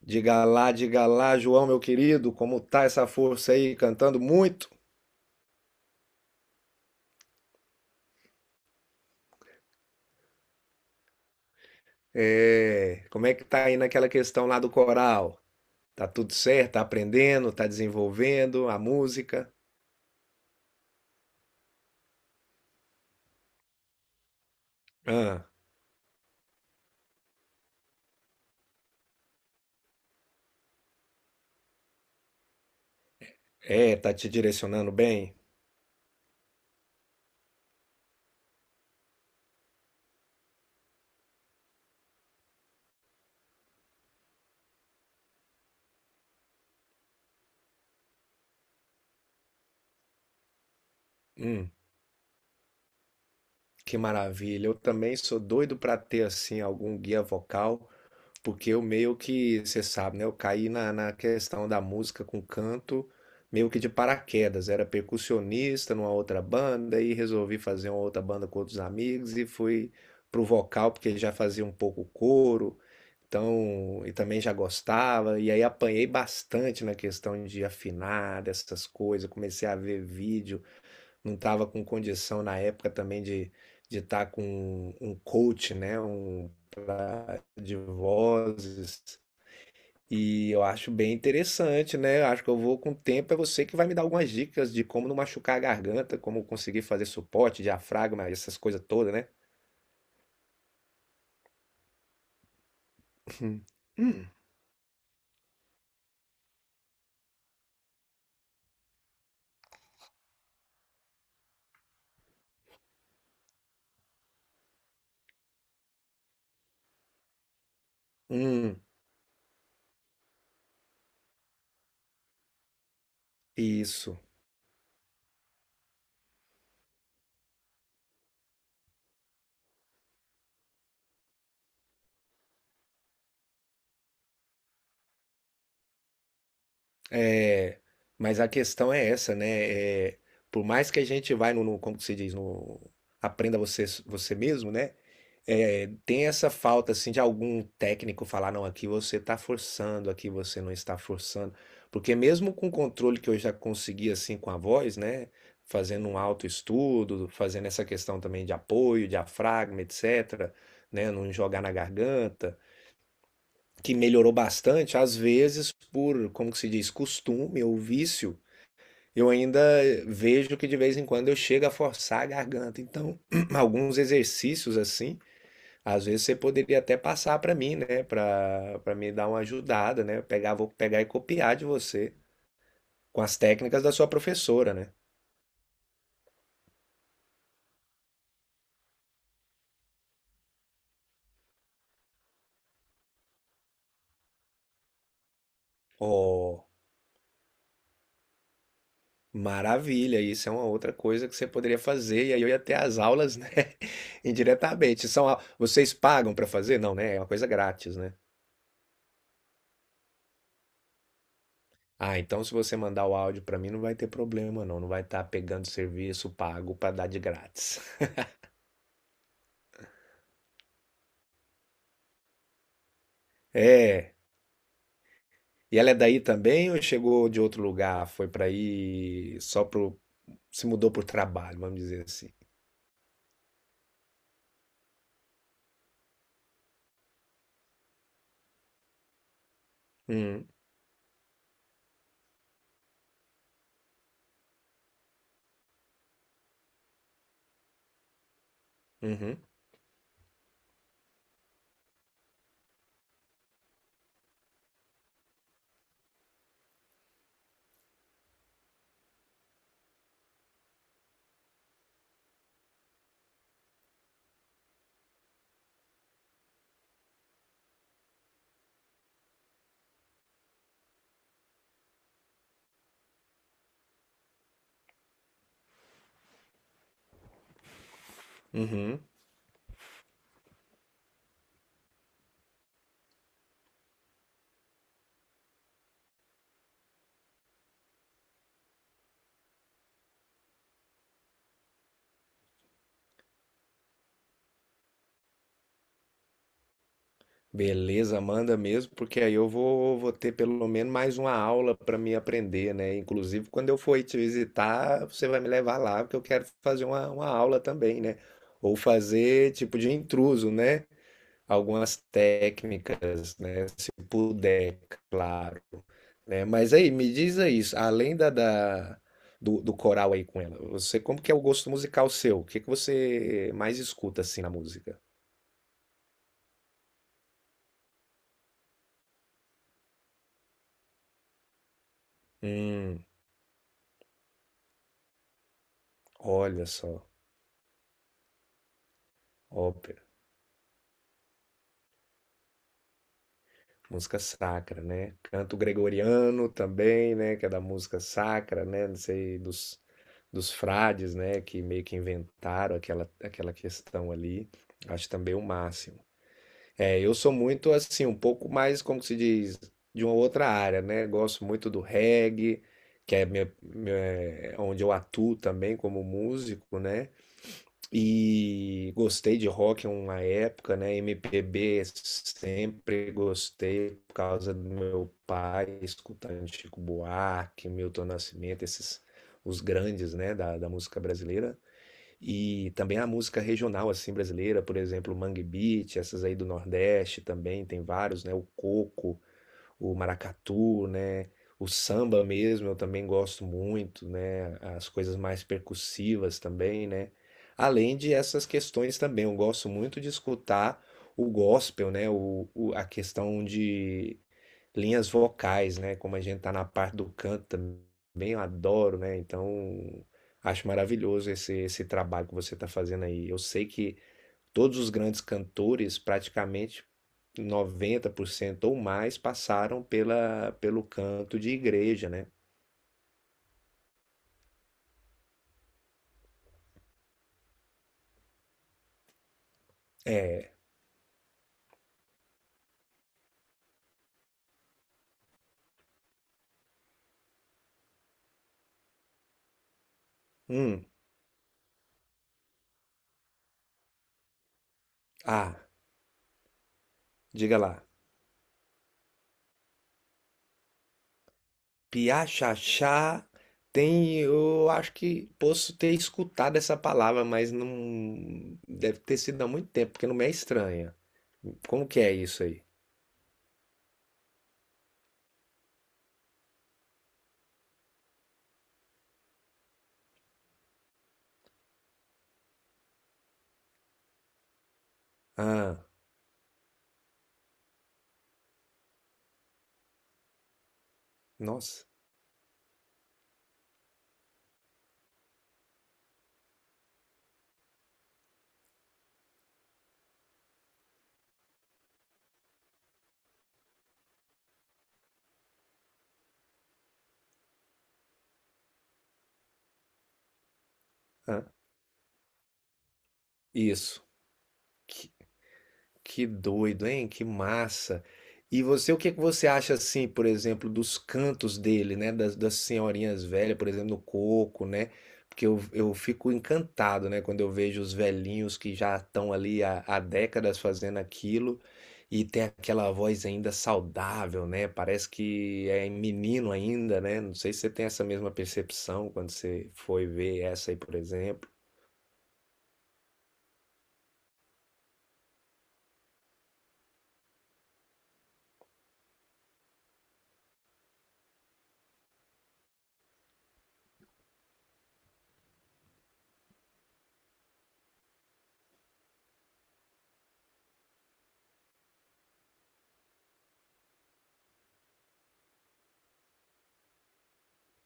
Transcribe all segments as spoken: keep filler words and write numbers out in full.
Diga lá, diga lá, João, meu querido, como tá essa força aí cantando muito? É, como é que tá aí naquela questão lá do coral? Tá tudo certo? Tá aprendendo? Tá desenvolvendo a música? Ah, é, tá te direcionando bem? Hum, que maravilha. Eu também sou doido para ter assim algum guia vocal. Porque eu meio que, você sabe, né? Eu caí na, na questão da música com canto meio que de paraquedas. Era percussionista numa outra banda e resolvi fazer uma outra banda com outros amigos e fui pro vocal porque já fazia um pouco coro, então, e também já gostava. E aí apanhei bastante na questão de afinar, dessas coisas. Comecei a ver vídeo, não estava com condição na época também de de estar com um coach, né, um pra- de vozes. E eu acho bem interessante, né? Eu acho que eu vou com o tempo, é você que vai me dar algumas dicas de como não machucar a garganta, como conseguir fazer suporte, diafragma, essas coisas todas, né? Hum, isso. É, mas a questão é essa, né? É, por mais que a gente vai no, no- como que se diz, no aprenda você você mesmo, né? É, tem essa falta assim de algum técnico falar: "Não, aqui você está forçando, aqui você não está forçando". Porque mesmo com o controle que eu já consegui, assim, com a voz, né, fazendo um autoestudo, fazendo essa questão também de apoio, diafragma, etcétera, né, não jogar na garganta, que melhorou bastante, às vezes por, como que se diz, costume ou vício, eu ainda vejo que de vez em quando eu chego a forçar a garganta. Então, alguns exercícios, assim às vezes você poderia até passar para mim, né? Para para me dar uma ajudada, né? Pegar, vou pegar e copiar de você com as técnicas da sua professora, né? Oh, maravilha! Isso é uma outra coisa que você poderia fazer e aí eu ia ter as aulas, né? Indiretamente. São, au- vocês pagam para fazer? Não, né? É uma coisa grátis, né? Ah, então se você mandar o áudio para mim não vai ter problema, não. Não vai estar pegando serviço pago para dar de grátis. É. E ela é daí também ou chegou de outro lugar? Foi pra aí só pro. Se mudou pro trabalho, vamos dizer assim. Hum, uhum, uhum. Beleza, manda mesmo, porque aí eu vou, vou ter pelo menos mais uma aula pra me aprender, né? Inclusive, quando eu for te visitar, você vai me levar lá, porque eu quero fazer uma, uma aula também, né? Ou fazer tipo de intruso, né? Algumas técnicas, né? Se puder, claro, né? Mas aí, me diz aí, além da, da- do, do coral aí com ela, você, como que é o gosto musical seu? O que que você mais escuta assim na música? Hum, olha só, ópera, música sacra, né? Canto gregoriano também, né? Que é da música sacra, né? Não sei, dos, dos frades, né? Que meio que inventaram aquela, aquela questão ali. Acho também o máximo. É, eu sou muito assim, um pouco mais, como que se diz, de uma outra área, né? Gosto muito do reggae, que é, minha, minha- é onde eu atuo também como músico, né? E gostei de rock em uma época, né? M P B sempre gostei por causa do meu pai, escutando Chico Buarque, Milton Nascimento, esses, os grandes, né, da, da música brasileira. E também a música regional assim brasileira, por exemplo, Mangue Beat, essas aí do Nordeste também tem vários, né? O coco, o maracatu, né? O samba mesmo eu também gosto muito, né? As coisas mais percussivas também, né? Além de essas questões também, eu gosto muito de escutar o gospel, né? O, o- a questão, linhas vocais, né? Como a gente tá na parte do canto também, eu adoro, né? Então, acho maravilhoso esse, esse trabalho que você tá fazendo aí. Eu sei que todos os grandes cantores, praticamente noventa por cento ou mais, passaram pela, pelo canto de igreja, né? É, hum, ah, diga lá. Piachachá, tem, eu acho que posso ter escutado essa palavra, mas não deve ter sido há muito tempo, porque não me é estranha. Como que é isso aí? Ah, nossa. Ah, isso. Que, Que doido, hein? Que massa. E você, o que que você acha assim, por exemplo, dos cantos dele, né? Das, das senhorinhas velhas, por exemplo, no coco, né? Porque eu, eu fico encantado, né? Quando eu vejo os velhinhos que já estão ali há, há décadas fazendo aquilo e tem aquela voz ainda saudável, né? Parece que é menino ainda, né? Não sei se você tem essa mesma percepção quando você foi ver essa aí, por exemplo.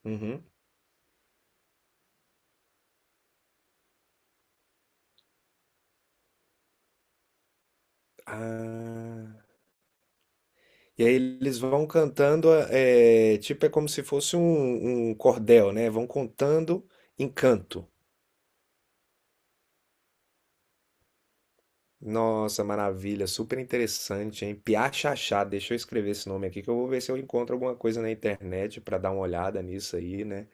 Uhum. Ah. E aí eles vão cantando, é, tipo, é como se fosse um, um cordel, né? Vão contando em canto. Nossa, maravilha, super interessante, hein? Piá Xaxá, deixa eu escrever esse nome aqui que eu vou ver se eu encontro alguma coisa na internet para dar uma olhada nisso aí, né?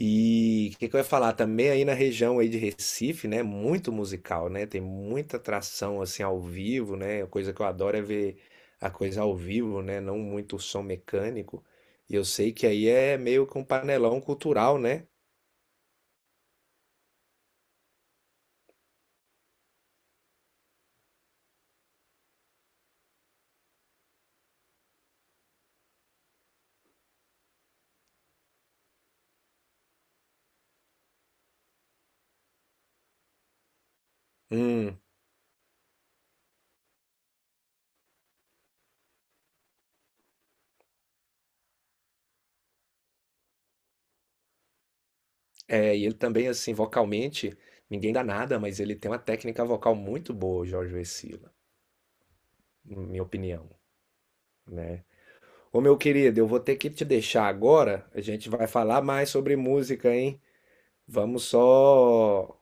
E o que, que eu ia falar também aí na região aí de Recife, né? Muito musical, né? Tem muita atração assim ao vivo, né? A coisa que eu adoro é ver a coisa ao vivo, né? Não muito som mecânico. E eu sei que aí é meio que um panelão cultural, né? Hum, é, e ele também assim vocalmente, ninguém dá nada, mas ele tem uma técnica vocal muito boa, o Jorge Vecilla, na minha opinião, né? Ô meu querido, eu vou ter que te deixar agora. A gente vai falar mais sobre música, hein? Vamos só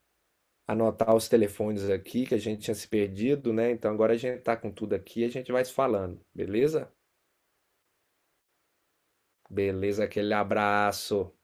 anotar os telefones aqui que a gente tinha se perdido, né? Então agora a gente tá com tudo aqui, a gente vai se falando, beleza? Beleza, aquele abraço.